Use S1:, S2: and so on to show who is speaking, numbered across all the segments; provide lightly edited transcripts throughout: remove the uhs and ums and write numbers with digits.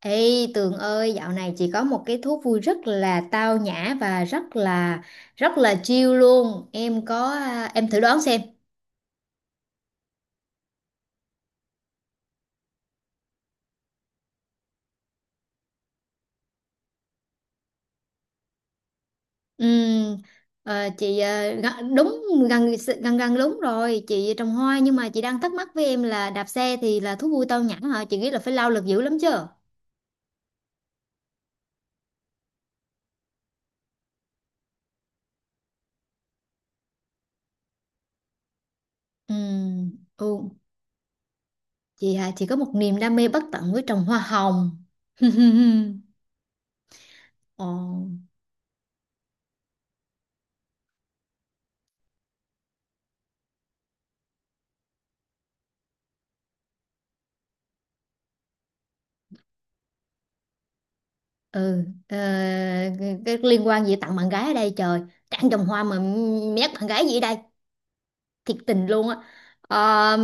S1: Ê Tường ơi, dạo này chị có một cái thú vui rất là tao nhã và rất là chill luôn. Em thử đoán xem. Ừm, chị đúng, gần gần gần đúng rồi, chị trồng hoa nhưng mà chị đang thắc mắc với em là đạp xe thì là thú vui tao nhã hả? Chị nghĩ là phải lao lực dữ lắm chứ. Ừm, ừ, chị hả? Chị có một niềm đam mê bất tận với trồng hoa hồng. Ồ. ừ ờ, cái liên quan gì tặng bạn gái ở đây trời, trồng hoa mà mét bạn gái gì ở đây, thiệt tình luôn á. Ờ,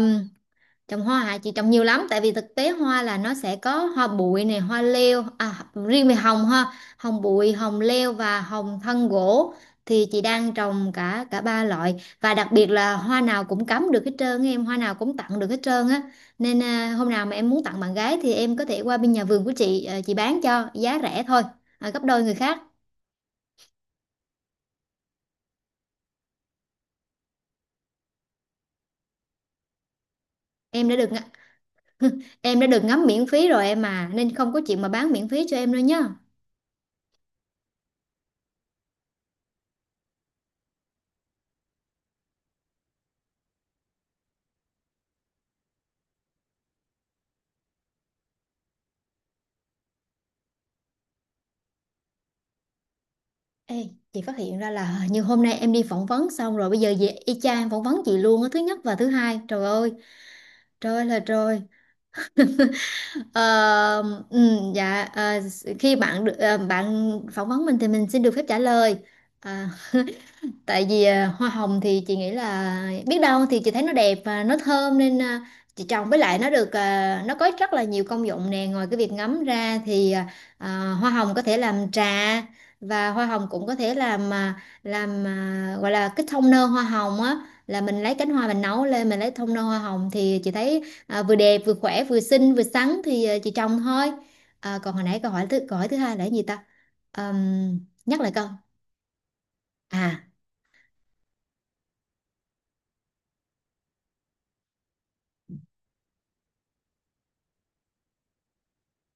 S1: Trồng hoa hả? Chị trồng nhiều lắm tại vì thực tế hoa là nó sẽ có hoa bụi này, hoa leo à, riêng về hồng ha, hồng bụi, hồng leo và hồng thân gỗ, thì chị đang trồng cả cả ba loại, và đặc biệt là hoa nào cũng cắm được hết trơn á em, hoa nào cũng tặng được hết trơn á, nên hôm nào mà em muốn tặng bạn gái thì em có thể qua bên nhà vườn của chị, chị bán cho giá rẻ thôi, gấp đôi người khác. em đã được ng- em đã được ngắm miễn phí rồi em mà, nên không có chuyện mà bán miễn phí cho em đâu nhá. Ê, chị phát hiện ra là hình như hôm nay em đi phỏng vấn xong rồi bây giờ về y chang em phỏng vấn chị luôn á, thứ nhất và thứ hai. Trời ơi, trời ơi là trời! Ờ, ừ, dạ, khi bạn được, bạn phỏng vấn mình thì mình xin được phép trả lời. Ờ, Tại vì hoa hồng thì chị nghĩ là, biết đâu thì chị thấy nó đẹp và nó thơm, nên chị trồng, với lại nó được, nó có rất là nhiều công dụng nè, ngoài cái việc ngắm ra thì à, hoa hồng có thể làm trà, và hoa hồng cũng có thể làm, gọi là cái thông nơ hoa hồng á, là mình lấy cánh hoa mình nấu lên mình lấy thông nơ hoa hồng, thì chị thấy vừa đẹp vừa khỏe vừa xinh vừa sắn, thì chị trồng thôi. À, còn hồi nãy câu hỏi thứ hai là cái gì ta? Ờm, Nhắc lại câu. À,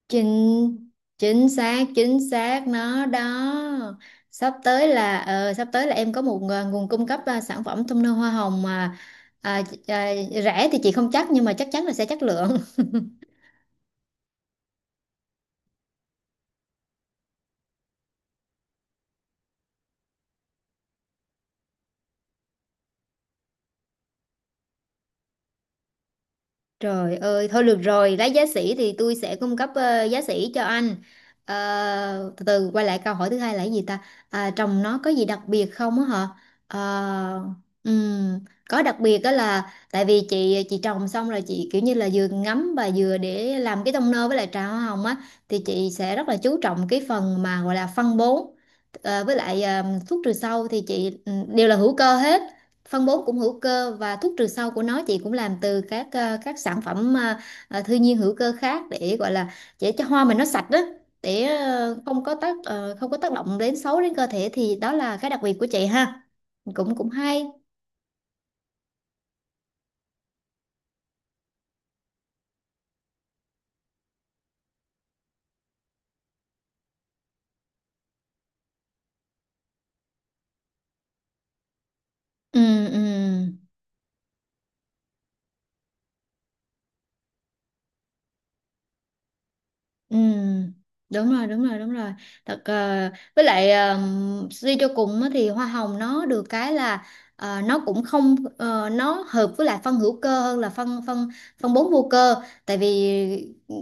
S1: chính chính xác, chính xác nó đó. Sắp tới là em có một, nguồn cung cấp, sản phẩm toner hoa hồng mà, à, à, rẻ thì chị không chắc nhưng mà chắc chắn là sẽ chất lượng. Trời ơi, thôi được rồi, lát giá sỉ thì tôi sẽ cung cấp giá sỉ cho anh. Ờ, Từ từ quay lại câu hỏi thứ hai là cái gì ta? À, trồng nó có gì đặc biệt không á hả? Ờ, ừm, có đặc biệt đó là tại vì chị trồng xong rồi, chị kiểu như là vừa ngắm và vừa để làm cái tông nơ với lại trà hoa hồng á, thì chị sẽ rất là chú trọng cái phần mà gọi là phân bón, với lại thuốc trừ sâu thì chị đều là hữu cơ hết. Phân bón cũng hữu cơ, và thuốc trừ sâu của nó chị cũng làm từ các sản phẩm thiên nhiên hữu cơ khác, để gọi là để cho hoa mình nó sạch đó, để không có tác động đến xấu đến cơ thể. Thì đó là cái đặc biệt của chị ha, cũng cũng hay. Ừ, ừ, ừ, đúng rồi, đúng rồi, đúng rồi. Thật với lại suy cho cùng á, thì hoa hồng nó được cái là, ờ, nó cũng không ờ, nó hợp với lại phân hữu cơ hơn là phân phân phân bón vô cơ. Tại vì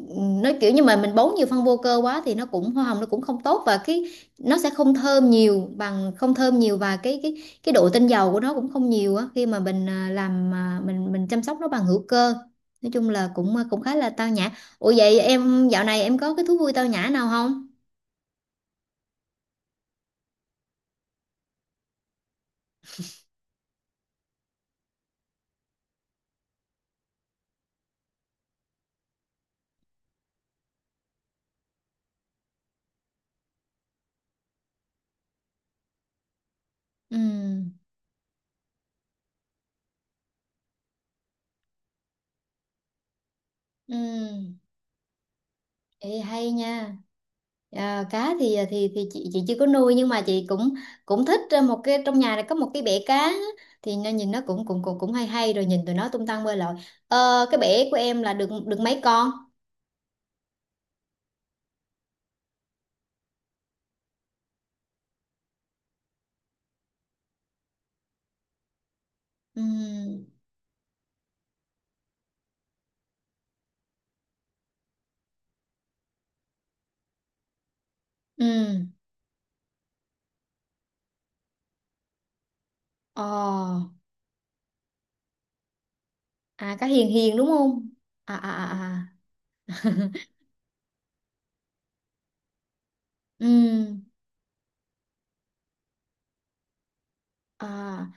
S1: nó kiểu như mà mình bón nhiều phân vô cơ quá thì nó cũng hoa hồng nó cũng không tốt, và cái nó sẽ không thơm nhiều, bằng không thơm nhiều, và cái độ tinh dầu của nó cũng không nhiều á, khi mà mình ờ, làm ờ, mình chăm sóc nó bằng hữu cơ. Nói chung là cũng cũng khá là tao nhã. Ủa vậy em dạo này em có cái thú vui tao nhã nào không? Ừ, ừ, Ê, hay nha. À, cá thì chị chưa có nuôi nhưng mà chị cũng cũng thích một cái trong nhà này có một cái bể cá á. Thì nó nhìn nó cũng cũng cũng cũng hay hay, rồi nhìn tụi nó tung tăng bơi lội. Ờ, cái bể của em là được được mấy con? Ừ, ừ, ờ, à, cá hiền hiền đúng không? À, à à, à. Ừ, à.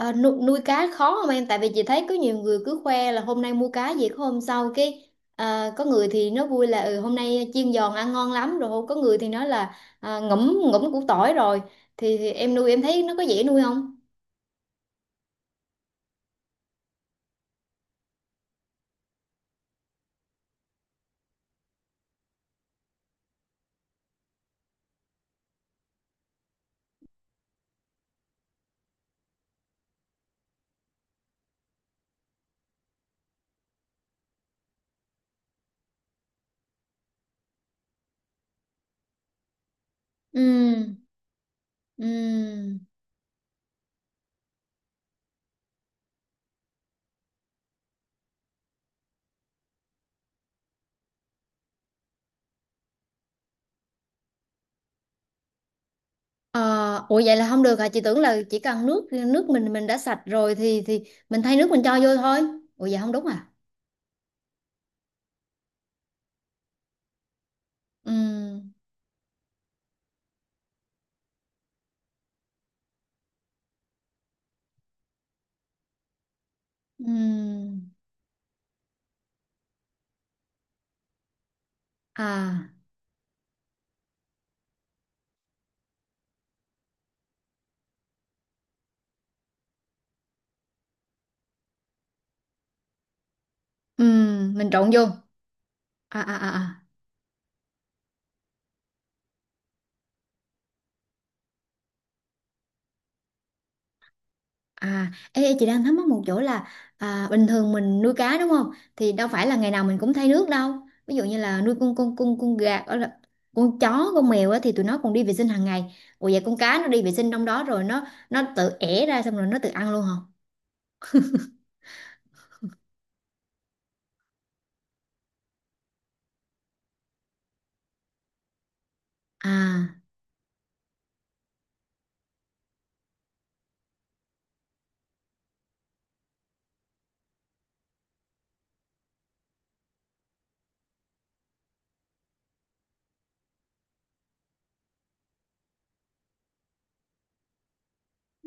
S1: Ờ, nuôi cá khó không em? Tại vì chị thấy có nhiều người cứ khoe là hôm nay mua cá gì, có hôm sau cái, có người thì nó vui là, hôm nay chiên giòn ăn ngon lắm rồi, không có, người thì nói là, ngẫm ngẫm củ tỏi rồi. Thì em nuôi em thấy nó có dễ nuôi không? Ừ, ừ. Ờ, Ủa vậy là không được hả? Chị tưởng là chỉ cần nước nước mình đã sạch rồi thì mình thay nước mình cho vô thôi. Ủa vậy không đúng à? Ừ, ừ. À, ừ, mình trộn vô. À, à, à. À. À, ê, ê, chị đang thắc mắc một chỗ là, bình thường mình nuôi cá đúng không? Thì đâu phải là ngày nào mình cũng thay nước đâu. Ví dụ như là nuôi con gà, ở là con chó, con mèo á, thì tụi nó còn đi vệ sinh hàng ngày. Ủa vậy con cá nó đi vệ sinh trong đó rồi nó tự ẻ ra, xong rồi nó tự ăn luôn hả? À.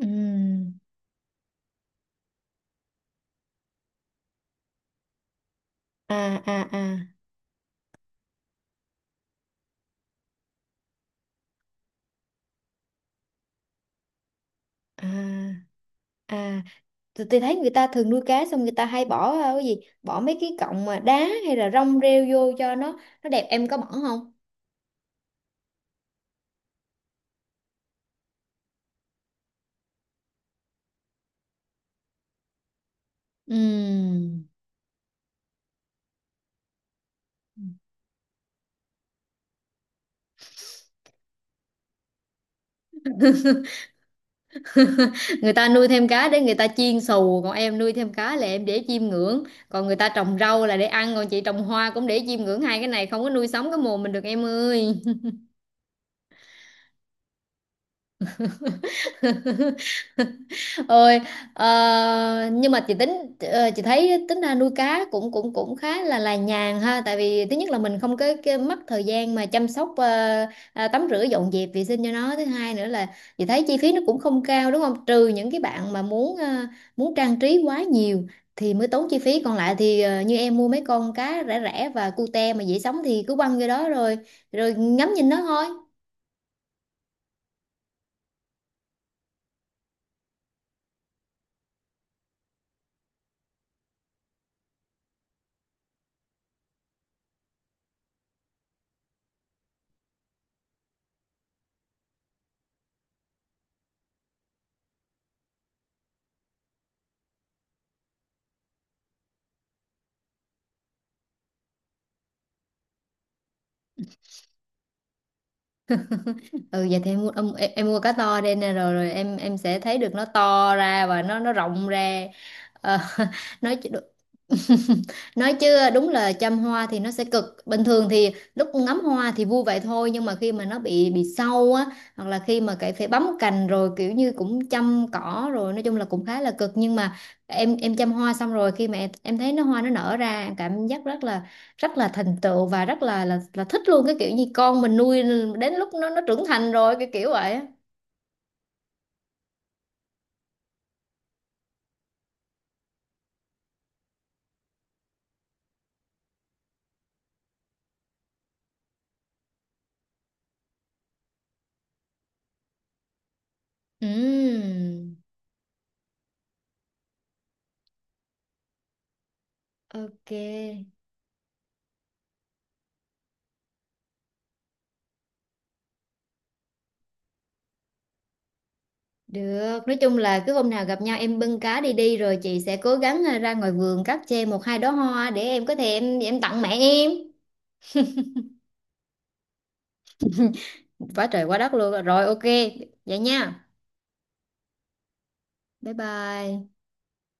S1: Ừm, à à à à à tôi thấy người ta thường nuôi cá xong người ta hay bỏ, cái gì, bỏ mấy cái cọng mà đá hay là rong rêu vô cho nó đẹp, em có bỏ không? Ừm. Người ta nuôi thêm cá để người ta chiên xù, còn em nuôi thêm cá là em để chiêm ngưỡng, còn người ta trồng rau là để ăn, còn chị trồng hoa cũng để chiêm ngưỡng, hai cái này không có nuôi sống cái mồm mình được em ơi. Ôi. Nhưng mà chị thấy tính ra nuôi cá cũng cũng cũng khá là nhàn ha, tại vì thứ nhất là mình không có cái mất thời gian mà chăm sóc, tắm rửa dọn dẹp vệ sinh cho nó. Thứ hai nữa là chị thấy chi phí nó cũng không cao đúng không, trừ những cái bạn mà muốn trang trí quá nhiều thì mới tốn chi phí, còn lại thì như em mua mấy con cá rẻ rẻ và cute mà dễ sống thì cứ quăng vô đó, rồi rồi ngắm nhìn nó thôi. Ừ Vậy thì em mua cá to đây nè, rồi rồi em sẽ thấy được nó to ra và nó rộng ra. Ờ, nói nói chứ đúng là chăm hoa thì nó sẽ cực, bình thường thì lúc ngắm hoa thì vui vậy thôi, nhưng mà khi mà nó bị sâu á, hoặc là khi mà cái phải bấm cành rồi kiểu như cũng chăm cỏ rồi, nói chung là cũng khá là cực, nhưng mà em chăm hoa xong rồi khi mà em thấy nó hoa nó nở ra, em cảm giác rất là thành tựu, và rất là là thích luôn cái kiểu như con mình nuôi đến lúc nó trưởng thành rồi cái kiểu vậy á. Ừm, ok. Được, nói chung là cứ hôm nào gặp nhau em bưng cá đi đi, rồi chị sẽ cố gắng ra ngoài vườn cắt chê một hai đóa hoa để em có thể em tặng mẹ em. Quá trời quá đất luôn. Rồi ok, vậy nha. Bye bye.